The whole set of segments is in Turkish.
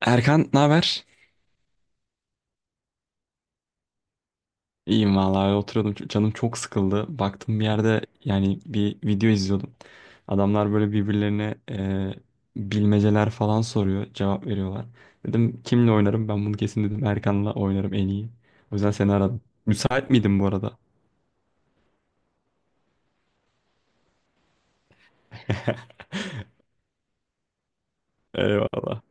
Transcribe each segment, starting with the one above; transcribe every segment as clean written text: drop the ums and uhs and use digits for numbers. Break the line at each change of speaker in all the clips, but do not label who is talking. Erkan, ne haber? İyiyim vallahi oturuyordum. Canım çok sıkıldı. Baktım bir yerde yani bir video izliyordum. Adamlar böyle birbirlerine bilmeceler falan soruyor, cevap veriyorlar. Dedim kimle oynarım? Ben bunu kesin dedim Erkan'la oynarım en iyi. O yüzden seni aradım. Müsait miydin bu arada? Eyvallah.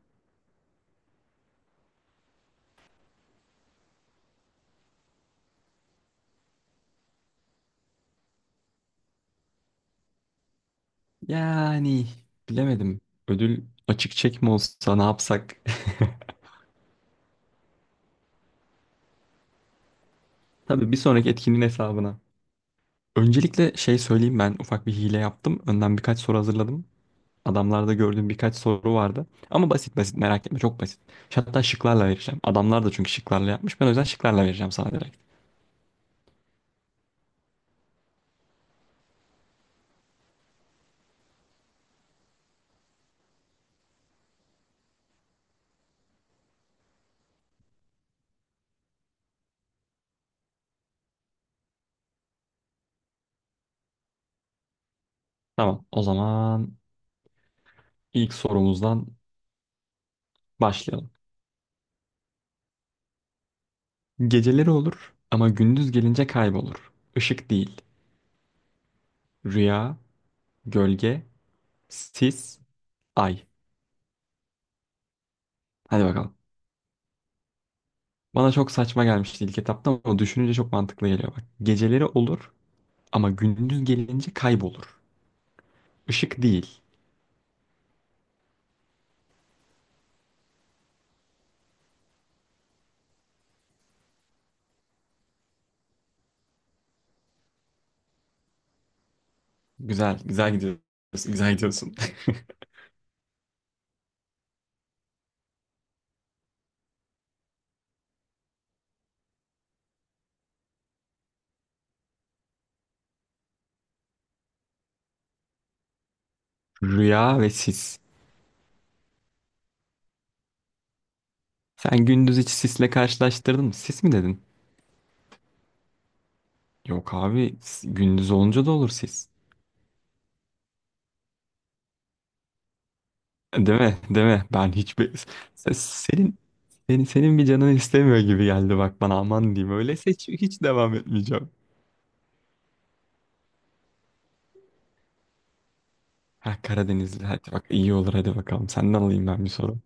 Yani bilemedim. Ödül açık çek mi olsa ne yapsak? Tabii bir sonraki etkinliğin hesabına. Öncelikle şey söyleyeyim, ben ufak bir hile yaptım. Önden birkaç soru hazırladım. Adamlarda gördüğüm birkaç soru vardı. Ama basit basit, merak etme, çok basit. Hatta şıklarla vereceğim. Adamlar da çünkü şıklarla yapmış. Ben o yüzden şıklarla vereceğim sana direkt. Tamam, o zaman ilk sorumuzdan başlayalım. Geceleri olur ama gündüz gelince kaybolur. Işık değil. Rüya, gölge, sis, ay. Hadi bakalım. Bana çok saçma gelmişti ilk etapta ama düşününce çok mantıklı geliyor bak. Geceleri olur ama gündüz gelince kaybolur. Işık değil. Güzel, güzel gidiyorsun. Güzel gidiyorsun. Rüya ve sis. Sen gündüz hiç sisle karşılaştırdın mı? Sis mi dedin? Yok abi, gündüz olunca da olur sis. Değil mi? Değil mi? Ben hiçbir... Senin, senin bir canın istemiyor gibi geldi bak, bana aman diyeyim. Öyleyse hiç, hiç devam etmeyeceğim. Ha Karadenizli, hadi bak iyi olur, hadi bakalım. Senden alayım ben bir soru.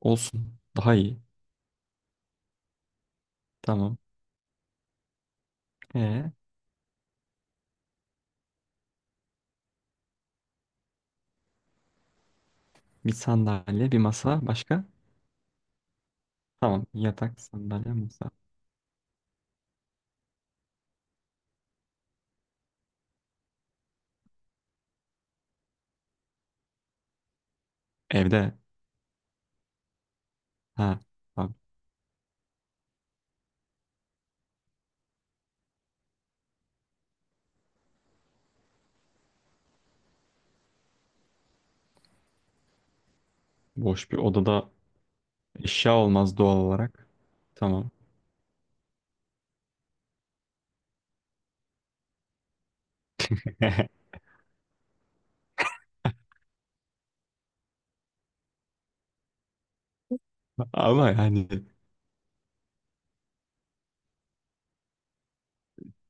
Olsun, daha iyi. Tamam. Ee, bir sandalye, bir masa, başka? Tamam, yatak, sandalye, masa. Evde. Ha abi, boş bir odada. Eşya olmaz doğal olarak. Tamam. Ama yani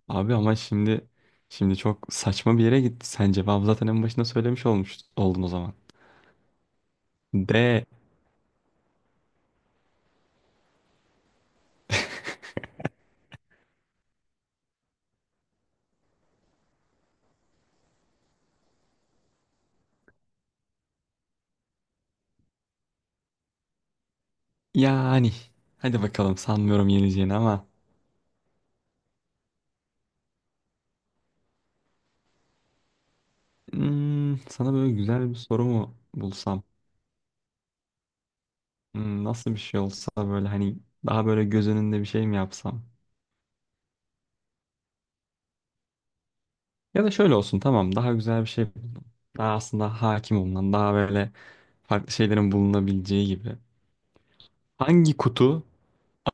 abi, ama şimdi çok saçma bir yere gitti. Sen cevabı zaten en başında söylemiş olmuş oldun o zaman. De yani hadi bakalım, sanmıyorum yeneceğini ama sana böyle güzel bir soru mu bulsam? Nasıl bir şey olsa böyle, hani daha böyle göz önünde bir şey mi yapsam? Ya da şöyle olsun, tamam, daha güzel bir şey buldum. Daha aslında hakim olunan, daha böyle farklı şeylerin bulunabileceği gibi. Hangi kutu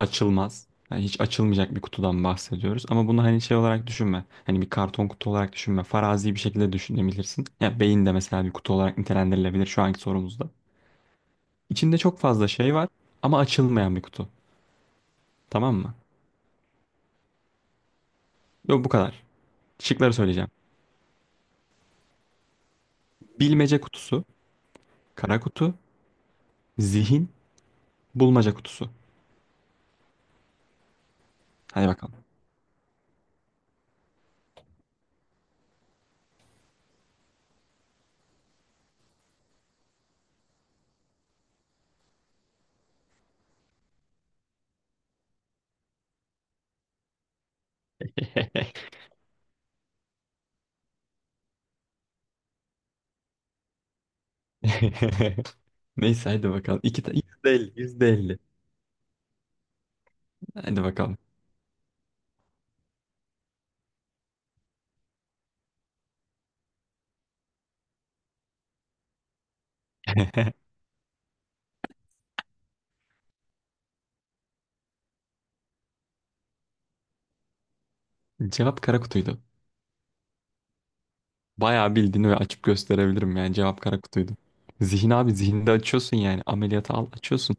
açılmaz. Yani hiç açılmayacak bir kutudan bahsediyoruz. Ama bunu hani şey olarak düşünme. Hani bir karton kutu olarak düşünme. Farazi bir şekilde düşünebilirsin. Ya beyin de mesela bir kutu olarak nitelendirilebilir şu anki sorumuzda. İçinde çok fazla şey var ama açılmayan bir kutu. Tamam mı? Yok, bu kadar. Şıkları söyleyeceğim. Bilmece kutusu, kara kutu, zihin, bulmaca kutusu. Hadi bakalım. Neyse, hadi bakalım. Yüzde %50. Hadi bakalım. Cevap kara kutuydu. Bayağı bildiğini ve açıp gösterebilirim, yani cevap kara kutuydu. Zihin abi, zihinde açıyorsun, yani ameliyata al, açıyorsun.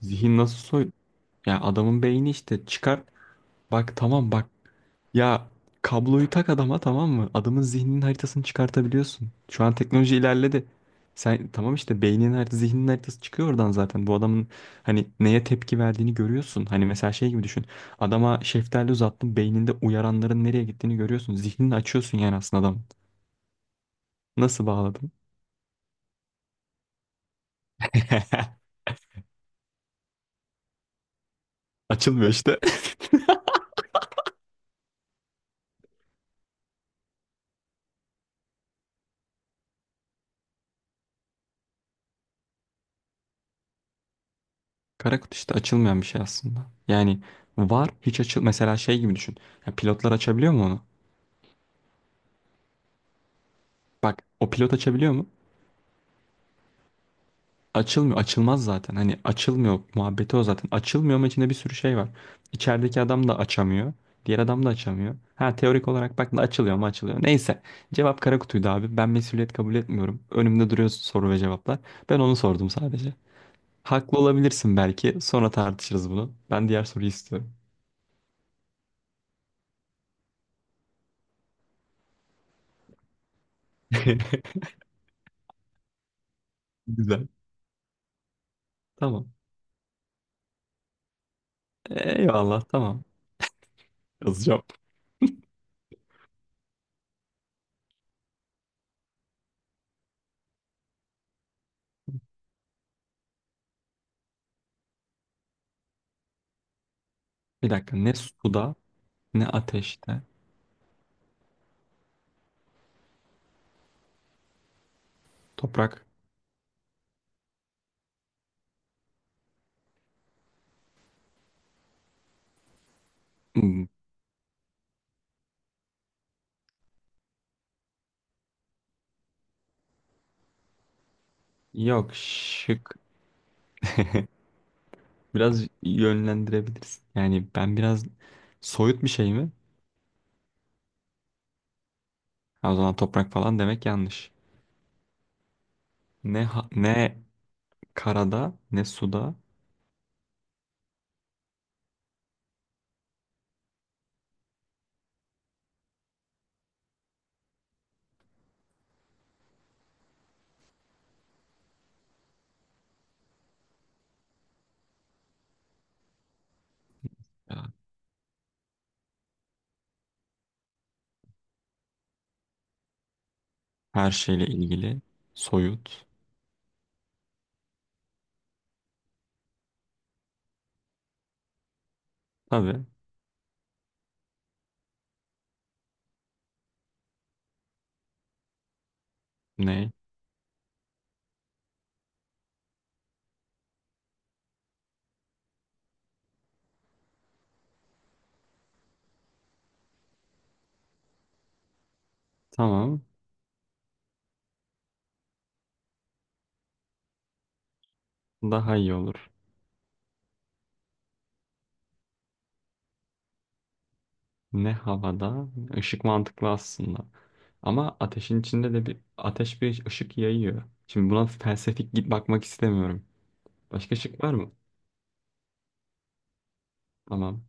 Zihin nasıl soy? Ya adamın beyni işte çıkar, bak tamam bak, ya kabloyu tak adama, tamam mı? Adamın zihninin haritasını çıkartabiliyorsun. Şu an teknoloji ilerledi. Sen tamam işte, beyninin haritası, zihninin haritası çıkıyor oradan zaten. Bu adamın hani neye tepki verdiğini görüyorsun. Hani mesela şey gibi düşün. Adama şeftali uzattın, beyninde uyaranların nereye gittiğini görüyorsun. Zihnini açıyorsun yani aslında adamın. Nasıl bağladın? Açılmıyor işte. Kara kutu işte, açılmayan bir şey aslında. Yani var hiç açıl, mesela şey gibi düşün. Ya pilotlar açabiliyor mu onu? Bak, o pilot açabiliyor mu? Açılmıyor. Açılmaz zaten. Hani açılmıyor muhabbeti o zaten. Açılmıyor ama içinde bir sürü şey var. İçerideki adam da açamıyor. Diğer adam da açamıyor. Ha teorik olarak bak, açılıyor mu açılıyor. Neyse. Cevap kara kutuydu abi. Ben mesuliyet kabul etmiyorum. Önümde duruyor soru ve cevaplar. Ben onu sordum sadece. Haklı olabilirsin belki. Sonra tartışırız bunu. Ben diğer soruyu istiyorum. Güzel. Tamam. Eyvallah, tamam. Yazacağım. Bir dakika. Ne suda, ne ateşte. Toprak. Hmm, Yok şık. Biraz yönlendirebilirsin. Yani ben biraz soyut bir şey mi? Ha, o zaman toprak falan demek yanlış. Ne karada, ne suda. Ya, her şeyle ilgili. Soyut. Tabii. Ne? Tamam. Daha iyi olur. Ne havada? Işık mantıklı aslında. Ama ateşin içinde de bir ateş bir ışık yayıyor. Şimdi buna felsefik git bakmak istemiyorum. Başka şık var mı? Tamam.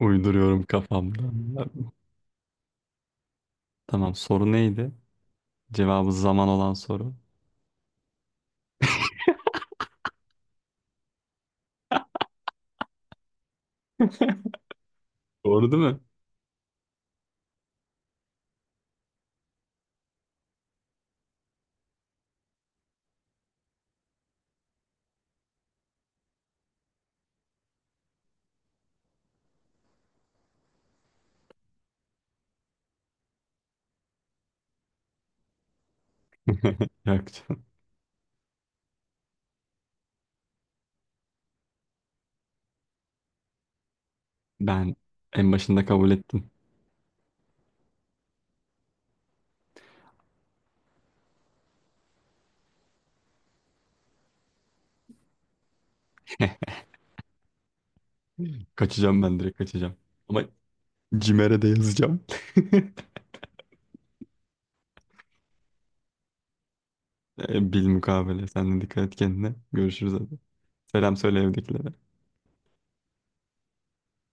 Uyduruyorum kafamda. Tamam, soru neydi? Cevabı zaman olan soru. Doğru değil mi? Yok canım. Ben en başında kabul ettim. Kaçacağım, ben direkt kaçacağım. Ama Cimer'e de yazacağım. Bil mukabele. Sen de dikkat et kendine. Görüşürüz hadi. Selam söyle evdekilere.